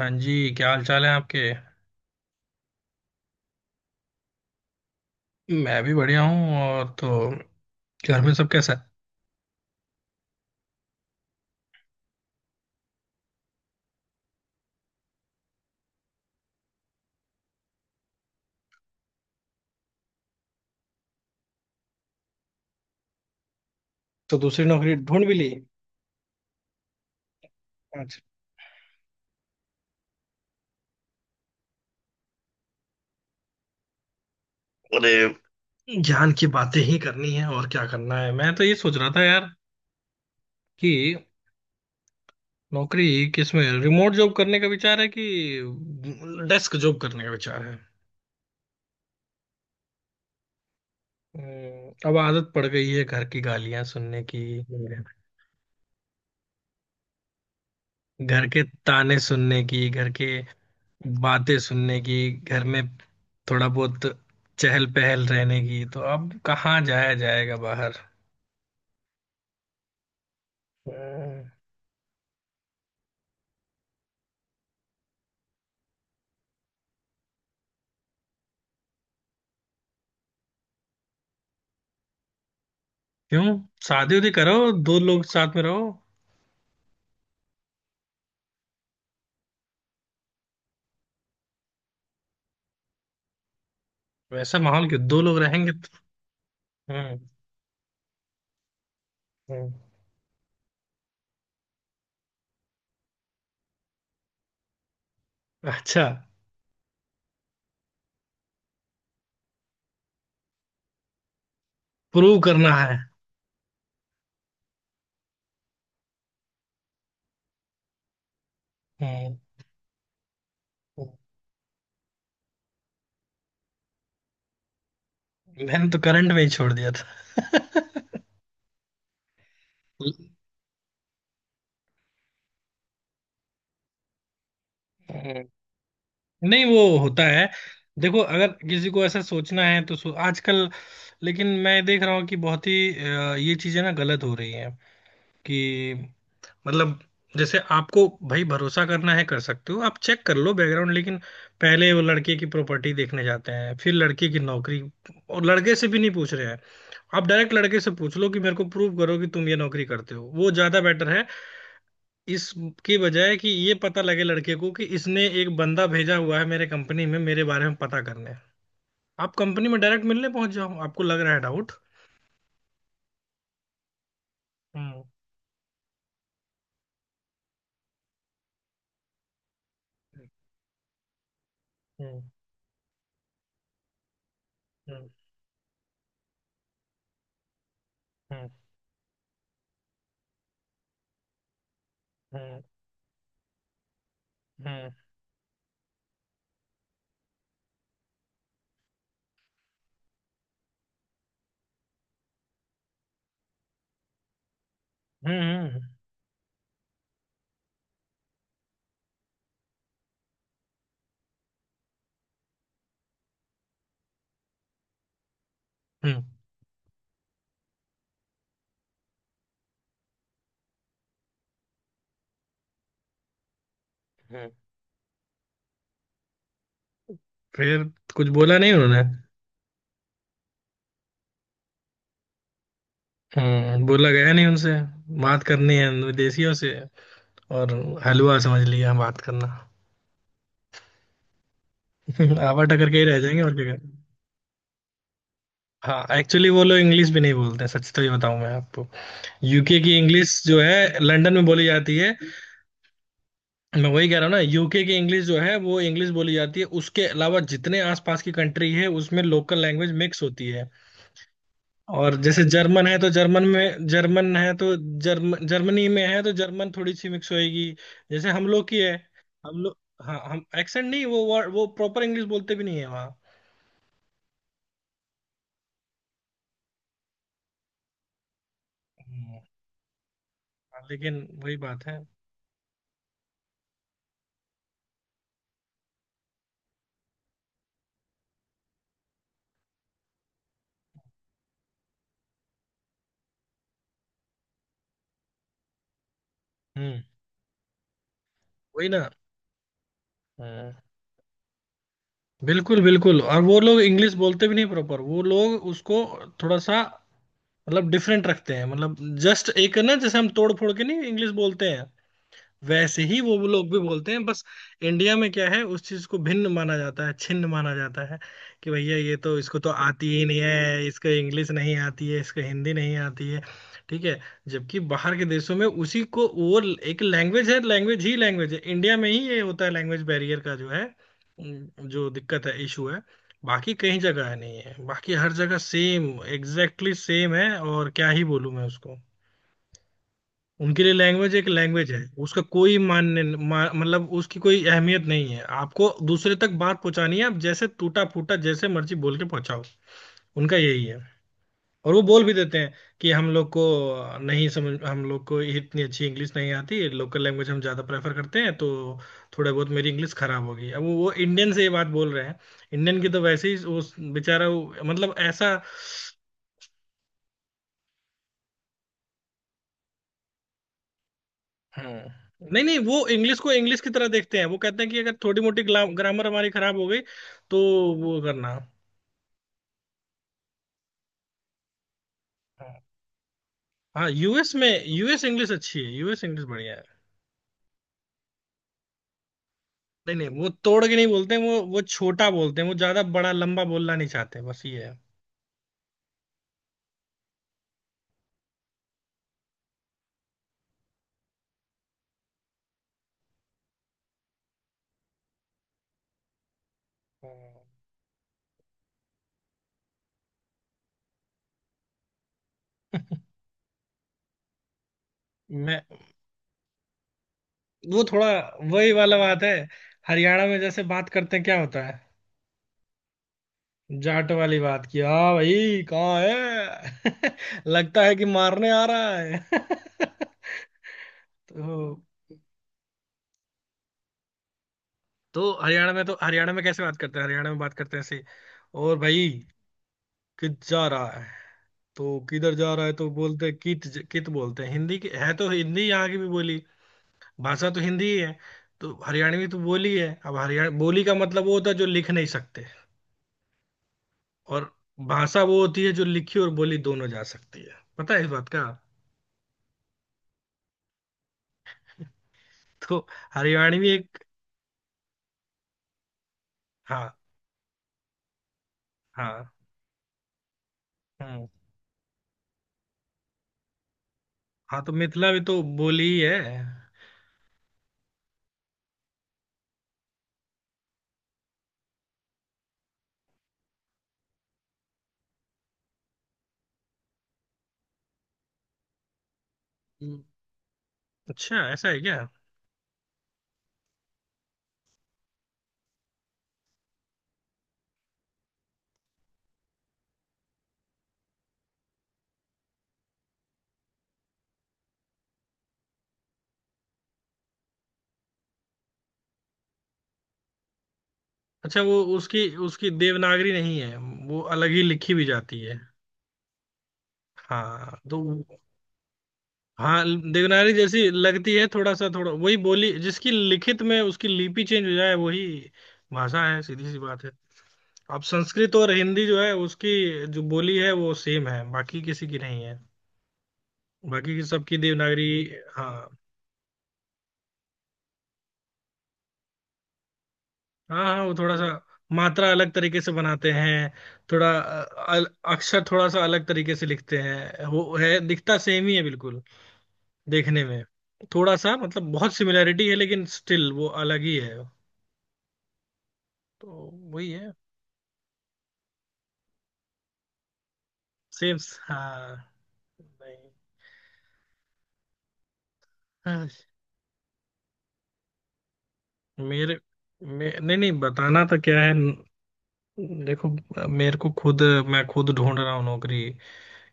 हाँ जी, क्या हाल चाल है आपके। मैं भी बढ़िया हूँ। और तो घर में सब कैसा है। तो दूसरी नौकरी ढूंढ भी ली। अच्छा। अरे, ज्ञान की बातें ही करनी है और क्या करना है। मैं तो ये सोच रहा था यार कि नौकरी किस में रिमोट जॉब करने का विचार है कि डेस्क जॉब करने का विचार है। हम्म। अब आदत पड़ गई है घर की गालियां सुनने की, घर के ताने सुनने की, घर के बातें सुनने की, घर में थोड़ा बहुत चहल पहल रहने की। तो अब कहाँ जाया जाएगा बाहर। हम्म। क्यों। शादी उदी करो, दो लोग साथ में रहो। वैसा माहौल क्यों, दो लोग रहेंगे तो। हम्म, हम्म। अच्छा। प्रूव करना है। हम्म, हम्म। मैंने तो करंट में ही छोड़ दिया था। हम्म। नहीं, वो होता है। देखो, अगर किसी को ऐसा सोचना है तो सो, आजकल। लेकिन मैं देख रहा हूँ कि बहुत ही ये चीजें ना गलत हो रही हैं। कि मतलब जैसे, आपको भाई भरोसा करना है कर सकते हो, आप चेक कर लो बैकग्राउंड, लेकिन पहले वो लड़के की प्रॉपर्टी देखने जाते हैं, फिर लड़के की नौकरी, और लड़के से भी नहीं पूछ रहे हैं। आप डायरेक्ट लड़के से पूछ लो कि मेरे को प्रूव करो कि तुम ये नौकरी करते हो, वो ज्यादा बेटर है। इसके बजाय कि ये पता लगे लड़के को कि इसने एक बंदा भेजा हुआ है मेरे कंपनी में मेरे बारे में पता करने, आप कंपनी में डायरेक्ट मिलने पहुंच जाओ, आपको लग रहा है डाउट। हम्म, हम्म, हम्म, हम्म, हम्म, हम्म, हम्म, हम्म। हम्म। फिर कुछ बोला नहीं उन्होंने। हम्म। बोला गया नहीं उनसे। बात करनी है विदेशियों से, और हलवा समझ लिया बात करना। आवा टकर के ही रह जाएंगे, और क्या करें। हाँ, एक्चुअली वो लोग इंग्लिश भी नहीं बोलते हैं, सच तो ये बताऊं मैं आपको। यूके की इंग्लिश जो है लंदन में बोली जाती है। मैं वही कह रहा हूँ ना, यूके की इंग्लिश जो है वो इंग्लिश बोली जाती है, उसके अलावा जितने आसपास की कंट्री है उसमें लोकल लैंग्वेज मिक्स होती है। और जैसे जर्मन है तो जर्मन में, जर्मन है तो जर्मनी में है तो जर्मन थोड़ी सी मिक्स होएगी। जैसे हम लोग की है। हम लोग, हाँ, हम एक्सेंट नहीं, वो प्रॉपर इंग्लिश बोलते भी नहीं है वहाँ। हम्म। हाँ, लेकिन वही बात है। हम्म। वही ना। हम्म। बिल्कुल बिल्कुल। और वो लोग इंग्लिश बोलते भी नहीं प्रॉपर, वो लोग उसको थोड़ा सा, मतलब, डिफरेंट रखते हैं। मतलब जस्ट एक ना, जैसे हम तोड़ फोड़ के नहीं इंग्लिश बोलते हैं, वैसे ही वो लोग भी बोलते हैं बस। इंडिया में क्या है, उस चीज को भिन्न माना जाता है, छिन्न माना जाता है। कि भैया ये तो, इसको तो आती ही नहीं है, इसको इंग्लिश नहीं आती है, इसको हिंदी नहीं आती है। ठीक है। जबकि बाहर के देशों में उसी को वो एक लैंग्वेज है, लैंग्वेज ही लैंग्वेज है। इंडिया में ही ये होता है, लैंग्वेज बैरियर का जो है, जो दिक्कत है, इशू है। बाकी कहीं जगह नहीं है, बाकी हर जगह सेम एग्जैक्टली सेम है, और क्या ही बोलूं मैं उसको। उनके लिए लैंग्वेज एक लैंग्वेज है। उसका कोई मान्य मतलब उसकी कोई अहमियत नहीं है। आपको दूसरे तक बात पहुंचानी है, आप जैसे टूटा फूटा, जैसे मर्जी बोल के पहुंचाओ। उनका यही है। और वो बोल भी देते हैं कि हम लोग को नहीं समझ, हम लोग को इतनी अच्छी इंग्लिश नहीं आती, लोकल लैंग्वेज हम ज़्यादा प्रेफर करते हैं। तो थोड़ा बहुत मेरी इंग्लिश खराब होगी, अब वो इंडियन से ये बात बोल रहे हैं, इंडियन की तो वैसे ही वो बेचारा मतलब ऐसा। हाँ। नहीं नहीं, वो इंग्लिश को इंग्लिश की तरह देखते हैं। वो कहते हैं कि अगर थोड़ी मोटी ग्रामर हमारी खराब हो गई तो वो करना। हाँ। हाँ, यूएस में यूएस इंग्लिश अच्छी है, यूएस इंग्लिश बढ़िया है। नहीं नहीं, वो तोड़ के नहीं बोलते हैं, वो छोटा बोलते हैं, वो ज्यादा बड़ा लंबा बोलना नहीं चाहते बस ये है। हम्म। मैं, वो थोड़ा, वही वाला बात है। हरियाणा में जैसे बात करते हैं क्या होता है। जाट वाली बात की, हाँ भाई कहाँ है। लगता है कि मारने आ रहा है। तो, हरियाणा में कैसे बात करते हैं, हरियाणा में बात करते हैं ऐसे। और भाई, कित जा रहा है। तो किधर जा रहा है तो बोलते हैं कित। कित बोलते हैं। हिंदी की है तो हिंदी, यहाँ की भी बोली भाषा तो हिंदी ही है। तो हरियाणवी तो बोली है। अब हरियाणा बोली का मतलब वो होता है जो लिख नहीं सकते, और भाषा वो होती है जो लिखी और बोली दोनों जा सकती है। पता है इस बात का। तो हरियाणवी एक, हाँ, हाँ, हम्म। हाँ, तो मिथिला भी तो बोली ही है। हम्म। अच्छा ऐसा है क्या। अच्छा, वो उसकी, उसकी देवनागरी नहीं है, वो अलग ही लिखी भी जाती है। हाँ, तो। हाँ, देवनागरी जैसी लगती है थोड़ा सा, थोड़ा, वही, बोली जिसकी लिखित में उसकी लिपि चेंज हो जाए, वही भाषा है, सीधी सी बात है। अब संस्कृत और हिंदी जो है, उसकी जो बोली है वो सेम है, बाकी किसी की नहीं है, बाकी की सबकी देवनागरी। हाँ, हाँ, हाँ, वो थोड़ा सा, मात्रा अलग तरीके से बनाते हैं। थोड़ा अक्षर थोड़ा सा अलग तरीके से लिखते हैं, वो है, दिखता सेम ही है बिल्कुल देखने में, थोड़ा सा। मतलब बहुत सिमिलैरिटी है लेकिन स्टिल वो अलग ही है। तो वही है। सेम। हाँ। नहीं। हाँ, मेरे नहीं नहीं, बताना तो क्या है। देखो, मेरे को खुद मैं खुद ढूंढ रहा हूँ नौकरी।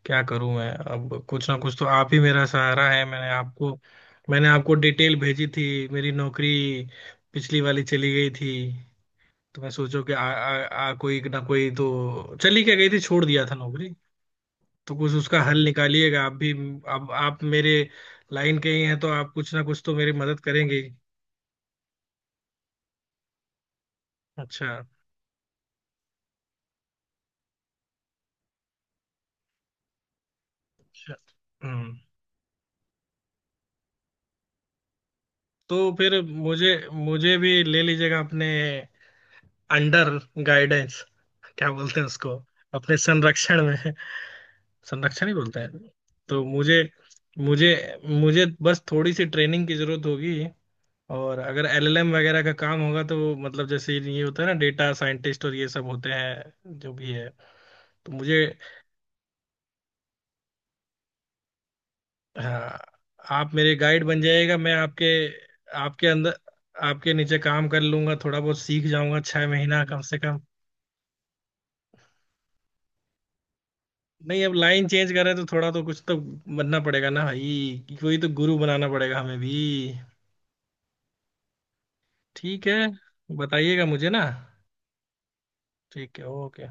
क्या करूँ मैं, अब कुछ ना कुछ तो, आप ही मेरा सहारा है। मैंने आपको डिटेल भेजी थी मेरी, नौकरी पिछली वाली चली गई थी, तो मैं सोचो कि आ, आ, आ कोई ना कोई तो, चली क्या गई थी, छोड़ दिया था नौकरी। तो कुछ उसका हल निकालिएगा आप भी। अब आप मेरे लाइन के ही हैं तो आप कुछ ना कुछ तो मेरी मदद करेंगे ही। अच्छा, अच्छा। हम्म। तो फिर मुझे मुझे भी ले लीजिएगा अपने अंडर गाइडेंस, क्या बोलते हैं उसको, अपने संरक्षण में। संरक्षण ही बोलते हैं। तो मुझे मुझे मुझे बस थोड़ी सी ट्रेनिंग की जरूरत होगी। और अगर एलएलएम वगैरह का काम होगा, तो मतलब जैसे ये होता है ना डेटा साइंटिस्ट और ये सब होते हैं, जो भी है, तो मुझे, हाँ, आप मेरे गाइड बन जाइएगा, मैं आपके आपके अंदर, आपके नीचे काम कर लूंगा, थोड़ा बहुत सीख जाऊंगा, 6 महीना कम से कम। नहीं, अब लाइन चेंज कर रहे हैं तो थोड़ा तो, कुछ तो बनना पड़ेगा ना भाई, कोई तो गुरु बनाना पड़ेगा हमें भी। ठीक है। बताइएगा मुझे ना। ठीक है, ओके।